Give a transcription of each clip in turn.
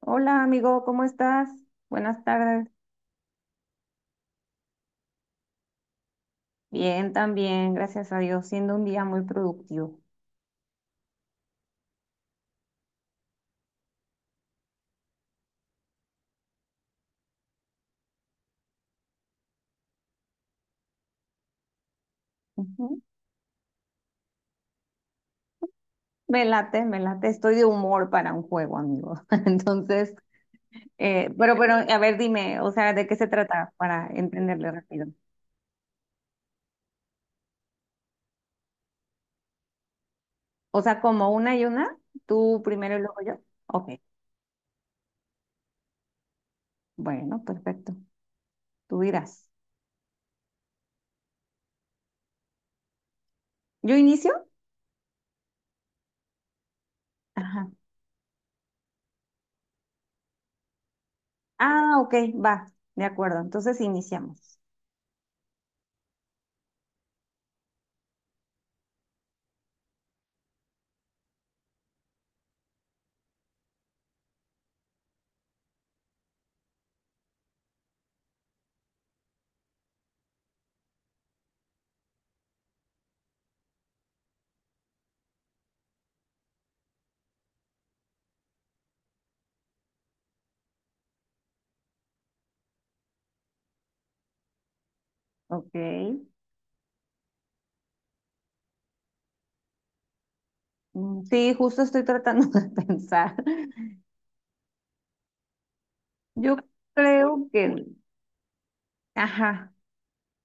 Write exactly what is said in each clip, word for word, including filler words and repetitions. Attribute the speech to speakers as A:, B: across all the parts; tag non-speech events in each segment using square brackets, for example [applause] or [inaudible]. A: Hola amigo, ¿cómo estás? Buenas tardes. Bien, también, gracias a Dios, siendo un día muy productivo. Ujú. Me late, me late, estoy de humor para un juego, amigo. [laughs] Entonces, eh, pero, pero, a ver, dime, o sea, ¿de qué se trata para entenderle rápido? O sea, como una y una, tú primero y luego yo. Ok, bueno, perfecto, tú dirás. ¿Yo inicio? Ajá. Ah, ok, va, de acuerdo, entonces iniciamos. Ok. Mm, sí, justo estoy tratando [laughs] de pensar. Yo creo que, ajá,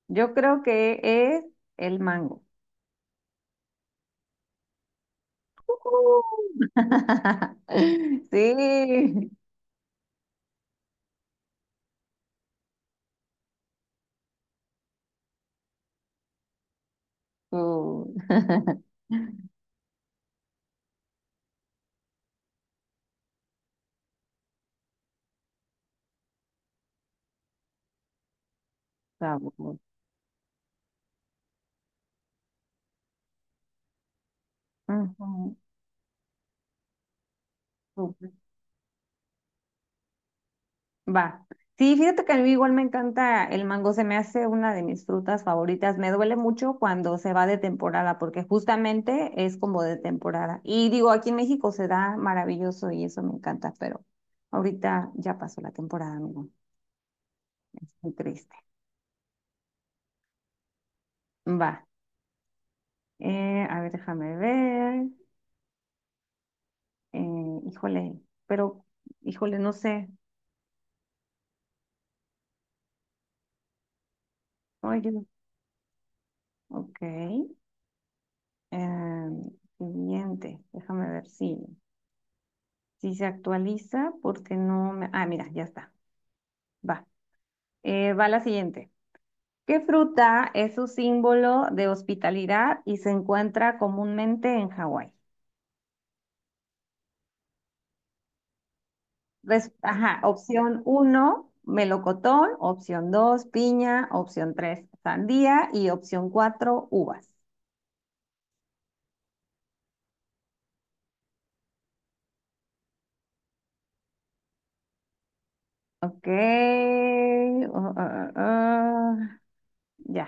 A: yo creo que es el mango. [laughs] Sí, su sabor. Ujú, súper. Va. Sí, fíjate que a mí igual me encanta el mango, se me hace una de mis frutas favoritas. Me duele mucho cuando se va de temporada, porque justamente es como de temporada. Y digo, aquí en México se da maravilloso y eso me encanta, pero ahorita ya pasó la temporada, amigo. Es muy triste. Va. Eh, a ver, déjame ver. Eh, híjole, pero, Híjole, no sé. Oye, ok. Em, Siguiente, déjame ver si, si se actualiza porque no me... Ah, mira, ya está. Va. Eh, va la siguiente. ¿Qué fruta es su símbolo de hospitalidad y se encuentra comúnmente en Hawái? Res- Ajá, opción uno melocotón, opción dos piña, opción tres sandía y opción cuatro uvas. Ok. uh, uh, uh, uh. Ya.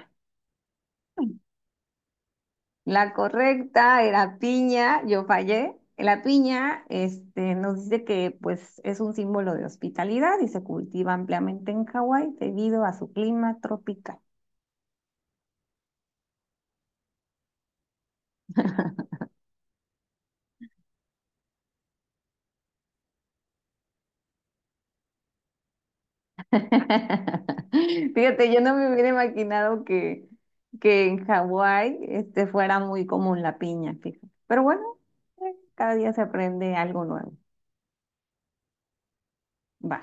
A: La correcta era piña, yo fallé. La piña, este, nos dice que pues es un símbolo de hospitalidad y se cultiva ampliamente en Hawái debido a su clima tropical. [laughs] Fíjate, yo no me hubiera imaginado que, que en Hawái este, fuera muy común la piña, fíjate. Pero bueno, eh, cada día se aprende algo nuevo. Va.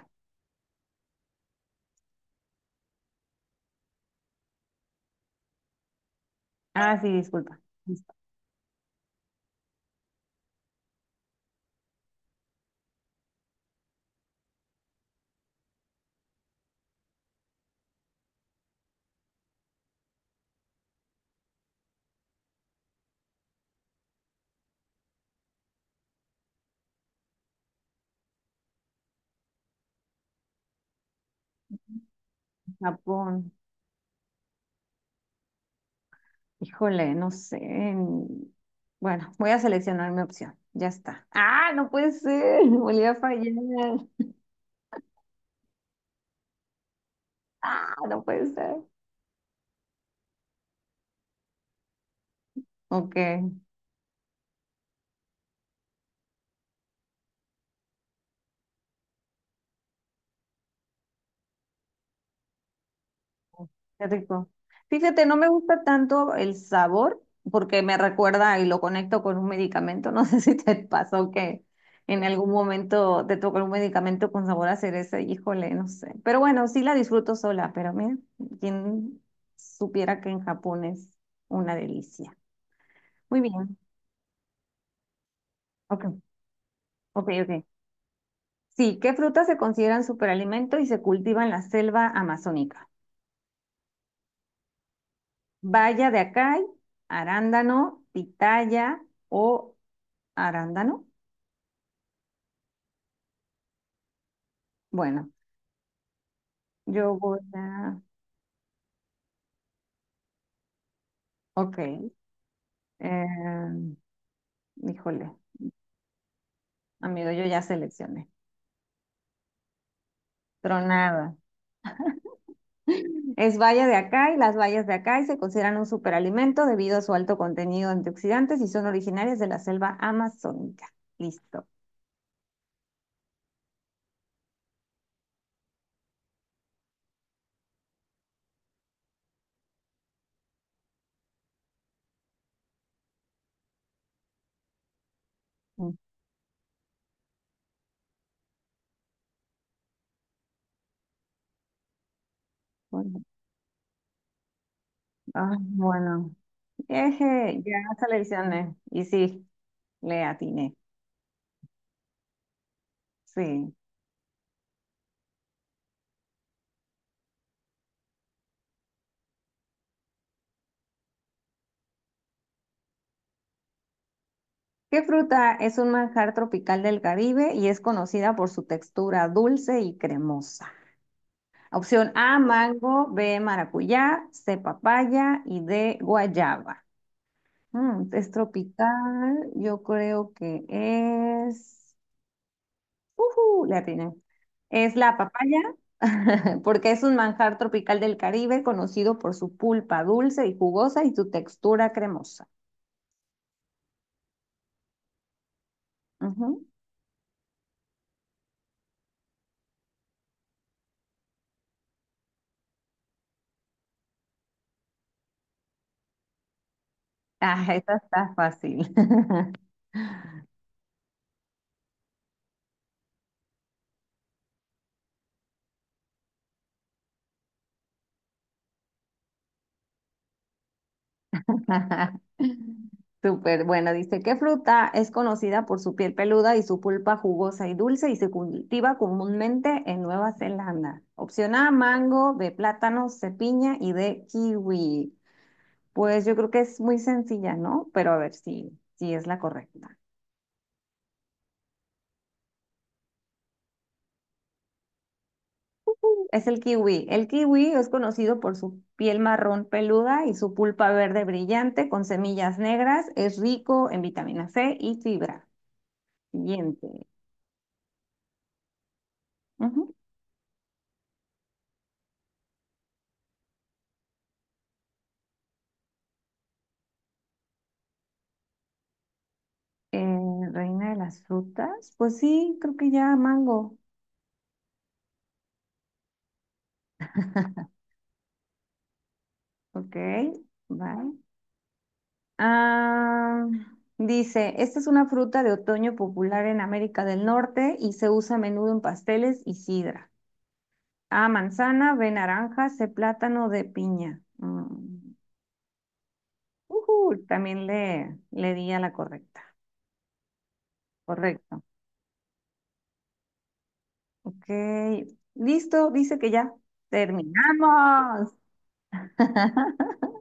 A: Ah, sí, disculpa. Listo. Japón. Híjole, no sé. En- Bueno, voy a seleccionar mi opción. Ya está. Ah, no puede ser. [laughs] Volví a fallar. Ah, no puede ser. Ok. Qué rico. Fíjate, no me gusta tanto el sabor porque me recuerda y lo conecto con un medicamento. No sé [laughs] si te pasó que en algún momento te tocó un medicamento con sabor a cereza, híjole, no sé. Pero bueno, sí la disfruto sola, pero mira, quien supiera que en Japón es una delicia. Muy bien. Ok, ok, ok. Sí, ¿qué frutas se consideran superalimento y se cultiva en la selva amazónica? Baya de acai, arándano, pitaya o arándano. Bueno, yo voy a... Ok. em, híjole, amigo, yo ya seleccioné. Tronada. Es baya de acai. Las bayas de acai se consideran un superalimento debido a su alto contenido de antioxidantes y son originarias de la selva amazónica. Listo. Bueno, ah, bueno. Eje, ya seleccioné. Y sí, le atiné. Sí. ¿Qué fruta es un manjar tropical del Caribe y es conocida por su textura dulce y cremosa? Opción A, mango, B, maracuyá, C, papaya y D, guayaba. Mm, es tropical, yo creo que es... ¡Ujú! Le atiné. Es la papaya, [laughs] porque es un manjar tropical del Caribe conocido por su pulpa dulce y jugosa y su textura cremosa. Ujú. Ah, esa está fácil. [laughs] [laughs] Súper, bueno, dice, ¿qué fruta es conocida por su piel peluda y su pulpa jugosa y dulce y se cultiva comúnmente en Nueva Zelanda? Opción A, mango, B, plátano, C, piña y D, kiwi. Pues yo creo que es muy sencilla, ¿no? Pero a ver si, si es la correcta. Es el kiwi. El kiwi es conocido por su piel marrón peluda y su pulpa verde brillante con semillas negras. Es rico en vitamina ce y fibra. Siguiente. Eh, Reina de las frutas, pues sí, creo que ya mango. [laughs] Ok, vale. Ah, dice, esta es una fruta de otoño popular en América del Norte y se usa a menudo en pasteles y sidra. A, manzana, B, naranja, C, plátano, D, piña. Mm, ujú, también le, le di a la correcta. Correcto. Ok, listo, dice que ya terminamos. [laughs]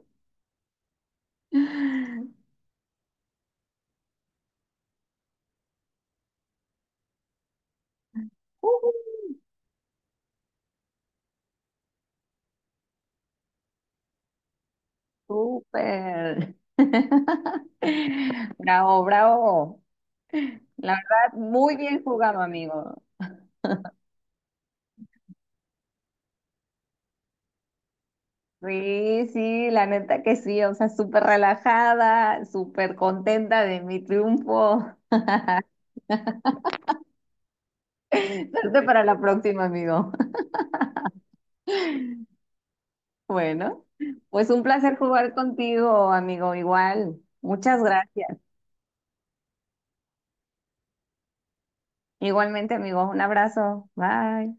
A: Ujú. Súper. [laughs] Bravo, bravo. La verdad, muy bien jugado, amigo. Sí, sí, la neta que sí. O sea, súper relajada, súper contenta de mi triunfo. [laughs] Suerte para la próxima, amigo. [laughs] Bueno, pues un placer jugar contigo, amigo. Igual. Muchas gracias. Igualmente, amigo. Un abrazo. Bye.